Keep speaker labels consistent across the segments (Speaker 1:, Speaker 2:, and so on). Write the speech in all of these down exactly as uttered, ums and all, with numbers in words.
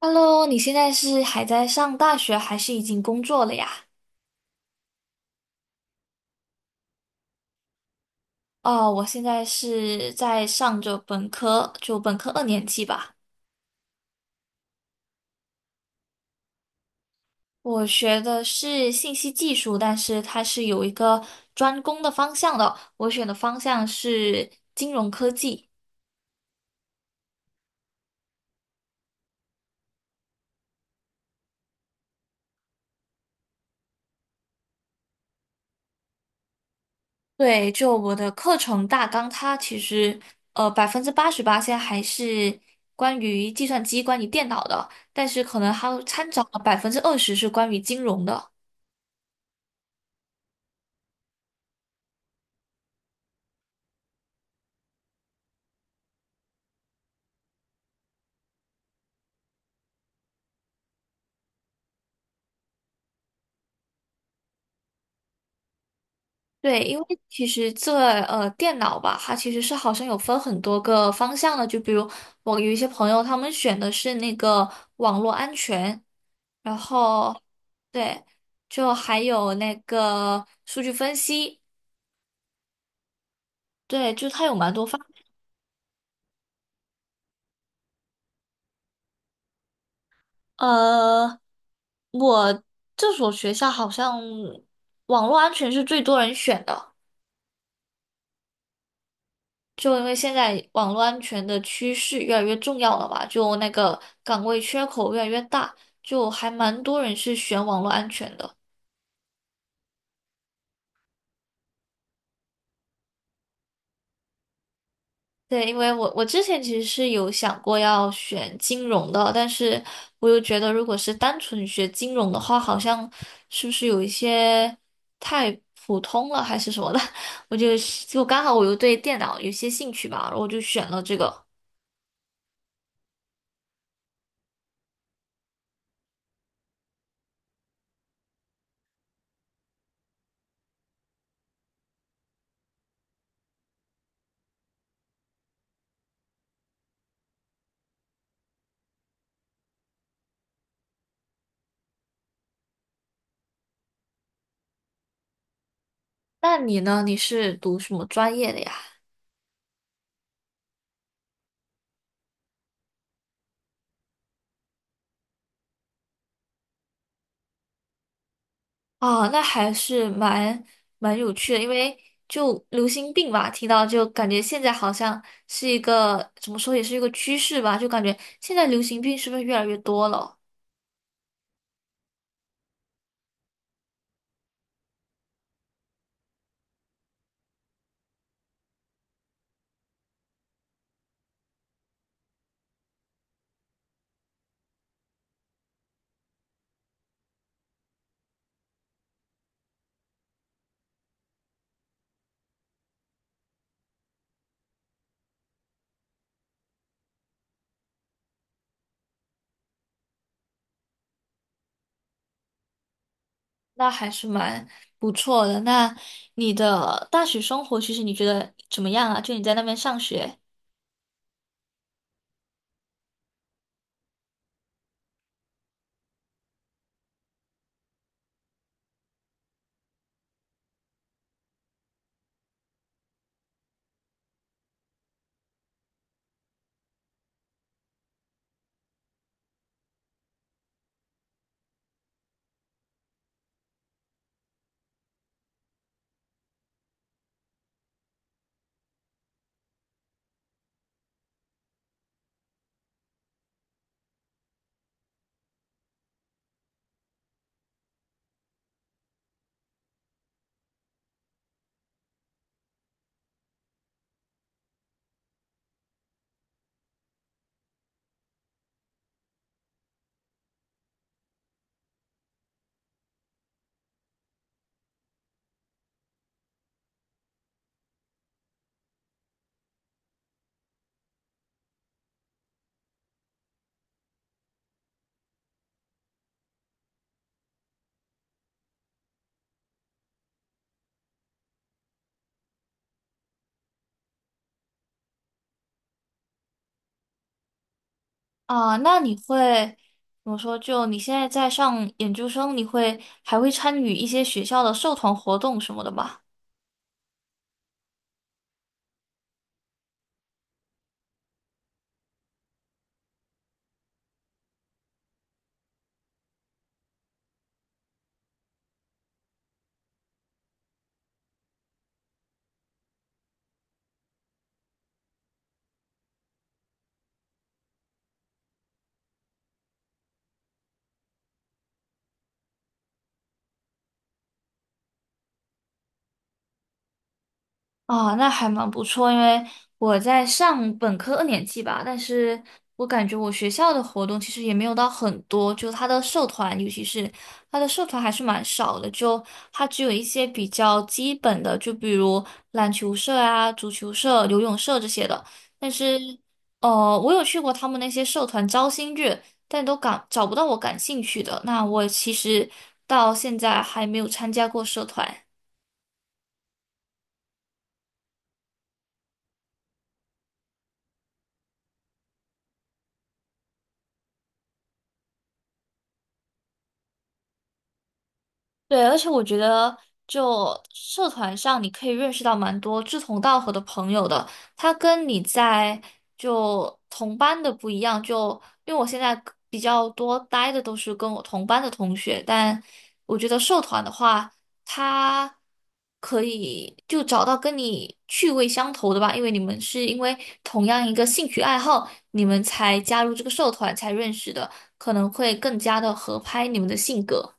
Speaker 1: Hello，你现在是还在上大学，还是已经工作了呀？哦，我现在是在上着本科，就本科二年级吧。我学的是信息技术，但是它是有一个专攻的方向的。我选的方向是金融科技。对，就我的课程大纲，它其实呃百分之八十八现在还是关于计算机、关于电脑的，但是可能还有掺杂了百分之二十是关于金融的。对，因为其实这呃电脑吧，它其实是好像有分很多个方向的，就比如我有一些朋友，他们选的是那个网络安全，然后对，就还有那个数据分析，对，就它有蛮多方。呃，我这所学校好像网络安全是最多人选的。就因为现在网络安全的趋势越来越重要了吧，就那个岗位缺口越来越大，就还蛮多人是选网络安全的。对，因为我我之前其实是有想过要选金融的，但是我又觉得如果是单纯学金融的话，好像是不是有一些太普通了还是什么的，我就就刚好我又对电脑有些兴趣吧，然后我就选了这个。那你呢？你是读什么专业的呀？啊，那还是蛮蛮有趣的，因为就流行病吧，听到就感觉现在好像是一个怎么说，也是一个趋势吧，就感觉现在流行病是不是越来越多了？那还是蛮不错的。那你的大学生活，其实你觉得怎么样啊？就你在那边上学啊，那你会怎么说？就你现在在上研究生，你会还会参与一些学校的社团活动什么的吗？哦，那还蛮不错，因为我在上本科二年级吧，但是我感觉我学校的活动其实也没有到很多，就他的社团，尤其是他的社团还是蛮少的，就他只有一些比较基本的，就比如篮球社啊、足球社、游泳社这些的。但是，呃，我有去过他们那些社团招新日，但都感找不到我感兴趣的。那我其实到现在还没有参加过社团。对，而且我觉得，就社团上，你可以认识到蛮多志同道合的朋友的。他跟你在就同班的不一样，就因为我现在比较多待的都是跟我同班的同学，但我觉得社团的话，他可以就找到跟你趣味相投的吧，因为你们是因为同样一个兴趣爱好，你们才加入这个社团才认识的，可能会更加的合拍你们的性格。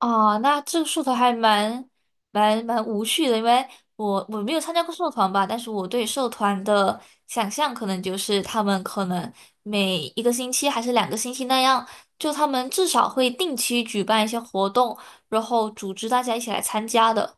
Speaker 1: 哦，那这个社团还蛮蛮蛮无趣的，因为我我没有参加过社团吧，但是我对社团的想象可能就是他们可能每一个星期还是两个星期那样，就他们至少会定期举办一些活动，然后组织大家一起来参加的。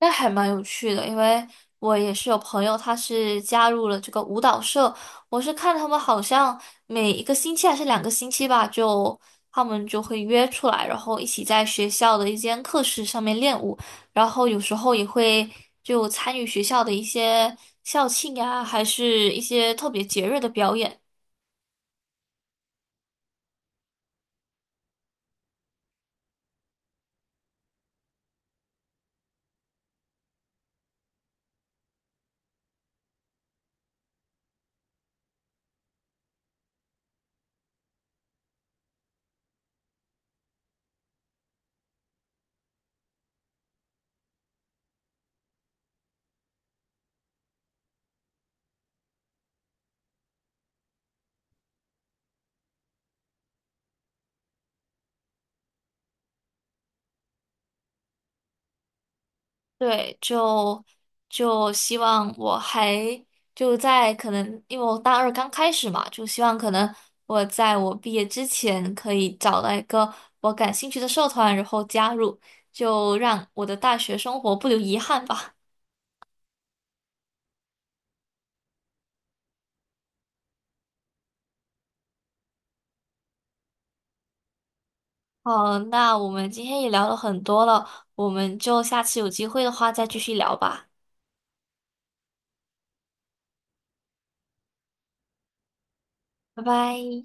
Speaker 1: 那还蛮有趣的，因为我也是有朋友，他是加入了这个舞蹈社。我是看他们好像每一个星期还是两个星期吧，就他们就会约出来，然后一起在学校的一间课室上面练舞，然后有时候也会就参与学校的一些校庆呀，还是一些特别节日的表演。对，就就希望我还就在可能，因为我大二刚开始嘛，就希望可能我在我毕业之前可以找到一个我感兴趣的社团，然后加入，就让我的大学生活不留遗憾吧。好，那我们今天也聊了很多了，我们就下次有机会的话再继续聊吧，拜拜。